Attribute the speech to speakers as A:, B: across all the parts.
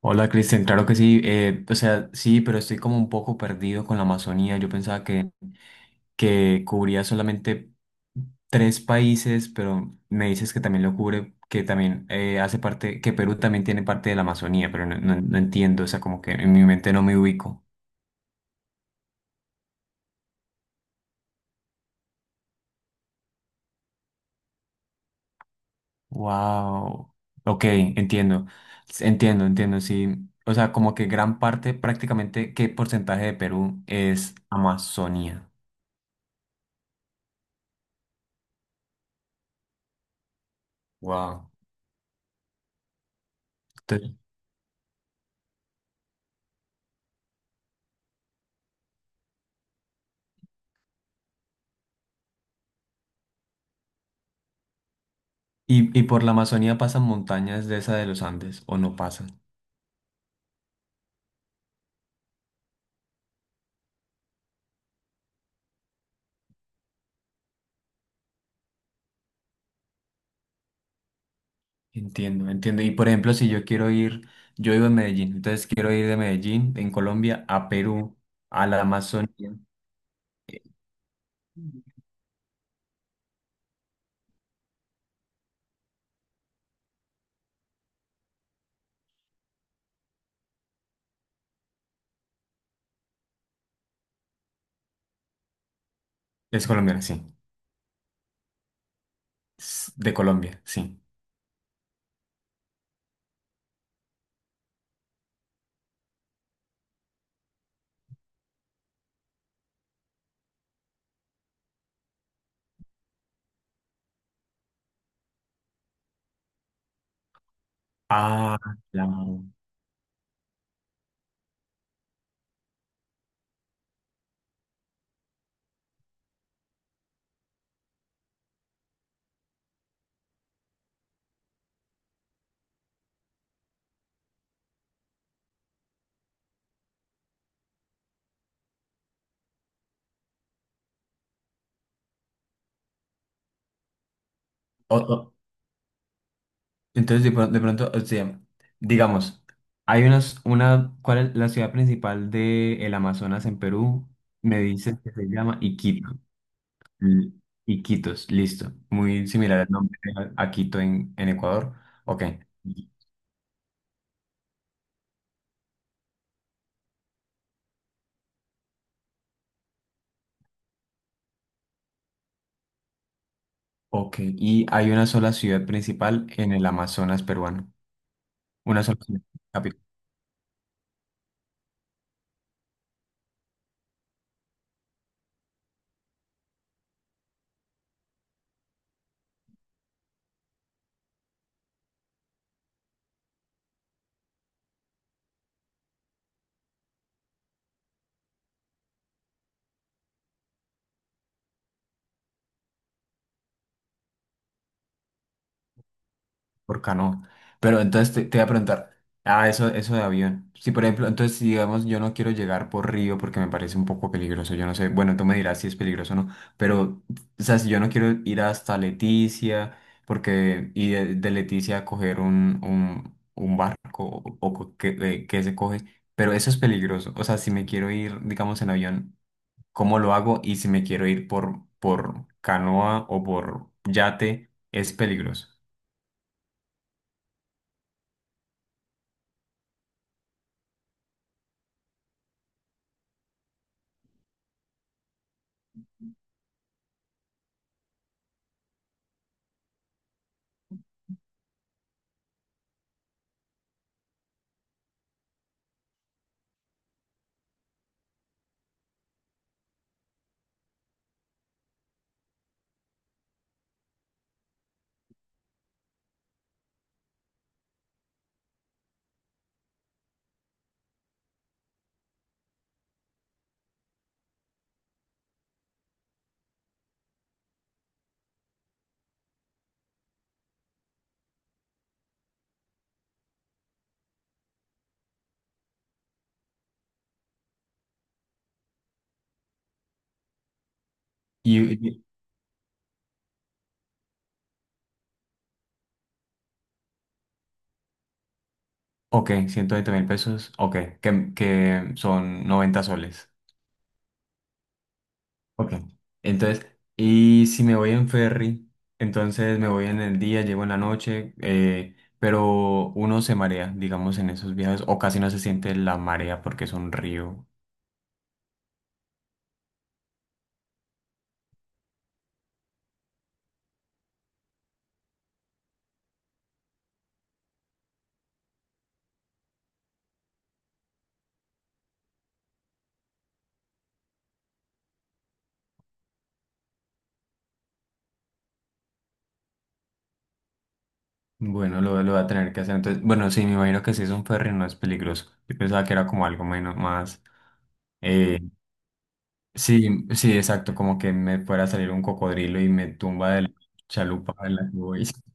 A: Hola Cristian, claro que sí, o sea, sí, pero estoy como un poco perdido con la Amazonía. Yo pensaba que cubría solamente tres países, pero me dices que también lo cubre, que también hace parte, que Perú también tiene parte de la Amazonía, pero no entiendo, o sea, como que en mi mente no me ubico. Wow, ok, entiendo, entiendo, entiendo, sí. O sea, como que gran parte, prácticamente, ¿qué porcentaje de Perú es Amazonía? Wow. Y por la Amazonía pasan montañas de esa de los Andes, o no pasan. Entiendo, entiendo. Y por ejemplo, si yo quiero ir, yo vivo en Medellín, entonces quiero ir de Medellín, en Colombia, a Perú, a la Amazonía. eh, Es colombiana, sí. De Colombia, sí. Ah, claro. O- o- entonces, de pronto, o sea, digamos, ¿cuál es la ciudad principal de el Amazonas en Perú? Me dices que se llama Iquitos. Mm, Iquitos, listo. Muy similar al nombre a Quito en Ecuador. Ok. Ok. Y hay una sola ciudad principal en el Amazonas peruano. Una sola ciudad capital. Por canoa. Pero entonces te voy a preguntar, ah, eso de avión. Si por ejemplo, entonces si digamos yo no quiero llegar por río porque me parece un poco peligroso, yo no sé, bueno, tú me dirás si es peligroso o no, pero, o sea, si yo no quiero ir hasta Leticia, de Leticia coger un barco o que se coge, pero eso es peligroso. O sea, si me quiero ir, digamos, en avión, ¿cómo lo hago? Y si me quiero ir por canoa o por yate, es peligroso. Ok, 120.000 pesos. Ok, que son 90 soles. Ok. Entonces, y si me voy en ferry, entonces me voy en el día, llego en la noche, pero uno se marea, digamos, en esos viajes, o casi no se siente la marea porque es un río. Bueno, lo voy a tener que hacer. Entonces, bueno, sí, me imagino que si es un ferry no es peligroso. Yo pensaba que era como algo menos más. eh, sí, sí, exacto, como que me fuera a salir un cocodrilo y me tumba de la chalupa en la que voy.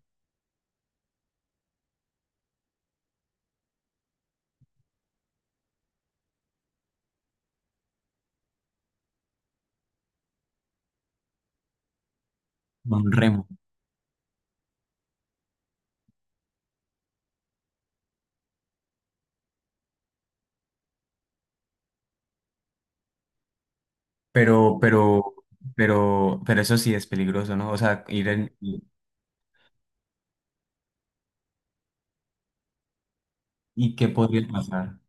A: Un remo. Pero, pero, pero eso sí es peligroso, ¿no? O sea, ir en... ¿Y y qué podría pasar?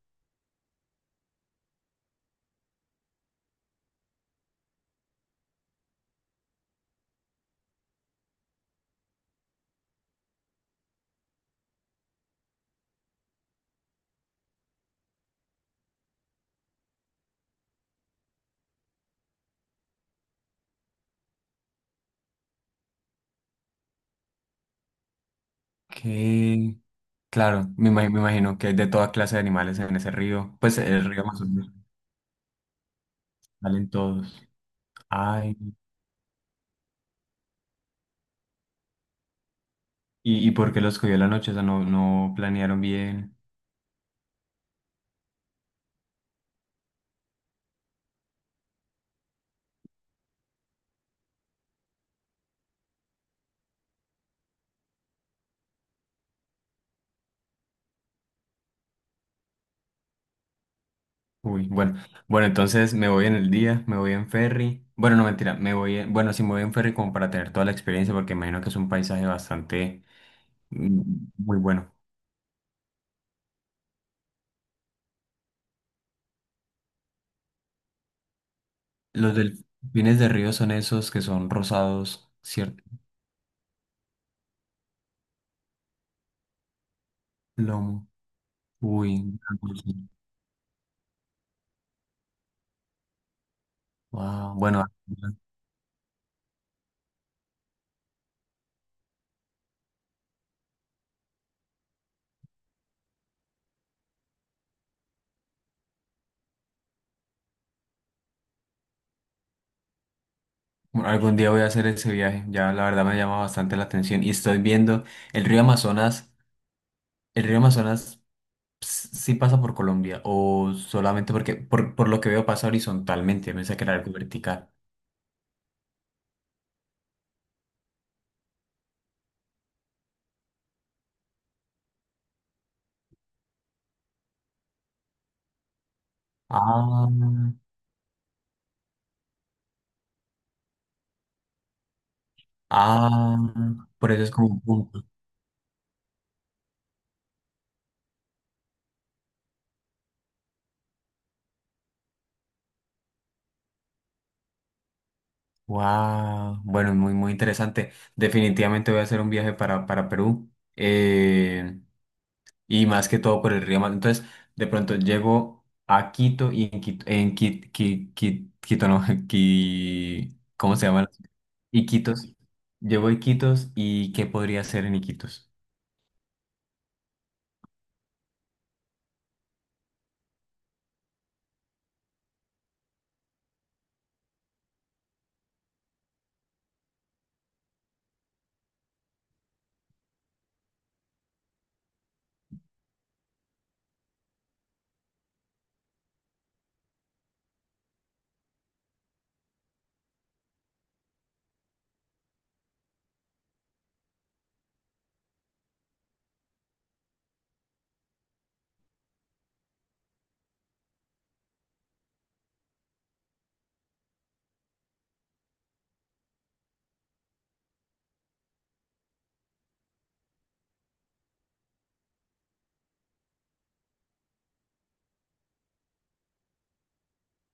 A: Que, claro, me imagino que hay de toda clase de animales en ese río. Pues el río Amazonas, salen todos. Ay, y por qué los cogió la noche? O sea, no planearon bien. Uy, bueno. Bueno, entonces me voy en el día, me voy en ferry. Bueno, no, mentira, me voy en... Bueno, sí, me voy en ferry como para tener toda la experiencia, porque me imagino que es un paisaje bastante mm, muy bueno. Los delfines de río son esos que son rosados, ¿cierto? Lomo. Uy, wow. Bueno, algún día voy a hacer ese viaje. Ya la verdad me llama bastante la atención. Y estoy viendo el río Amazonas. ¿El río Amazonas sí pasa por Colombia? ¿O solamente porque, por lo que veo, pasa horizontalmente? Me pensé que era algo vertical. Ah, ah, por eso es como un punto. Wow, bueno, es muy, muy interesante. Definitivamente voy a hacer un viaje para Perú eh, y más que todo por el río Mata. Entonces, de pronto llego a Quito y en Quito, en Quito, no, ¿cómo se llama? Iquitos. Llego a Iquitos y ¿qué podría hacer en Iquitos?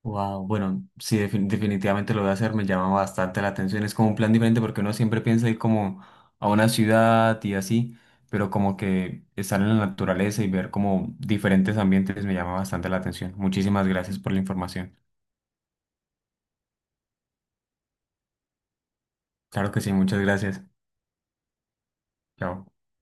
A: Wow, bueno, sí, definitivamente lo voy a hacer, me llama bastante la atención. Es como un plan diferente porque uno siempre piensa ir como a una ciudad y así, pero como que estar en la naturaleza y ver como diferentes ambientes me llama bastante la atención. Muchísimas gracias por la información. Claro que sí, muchas gracias. Chao.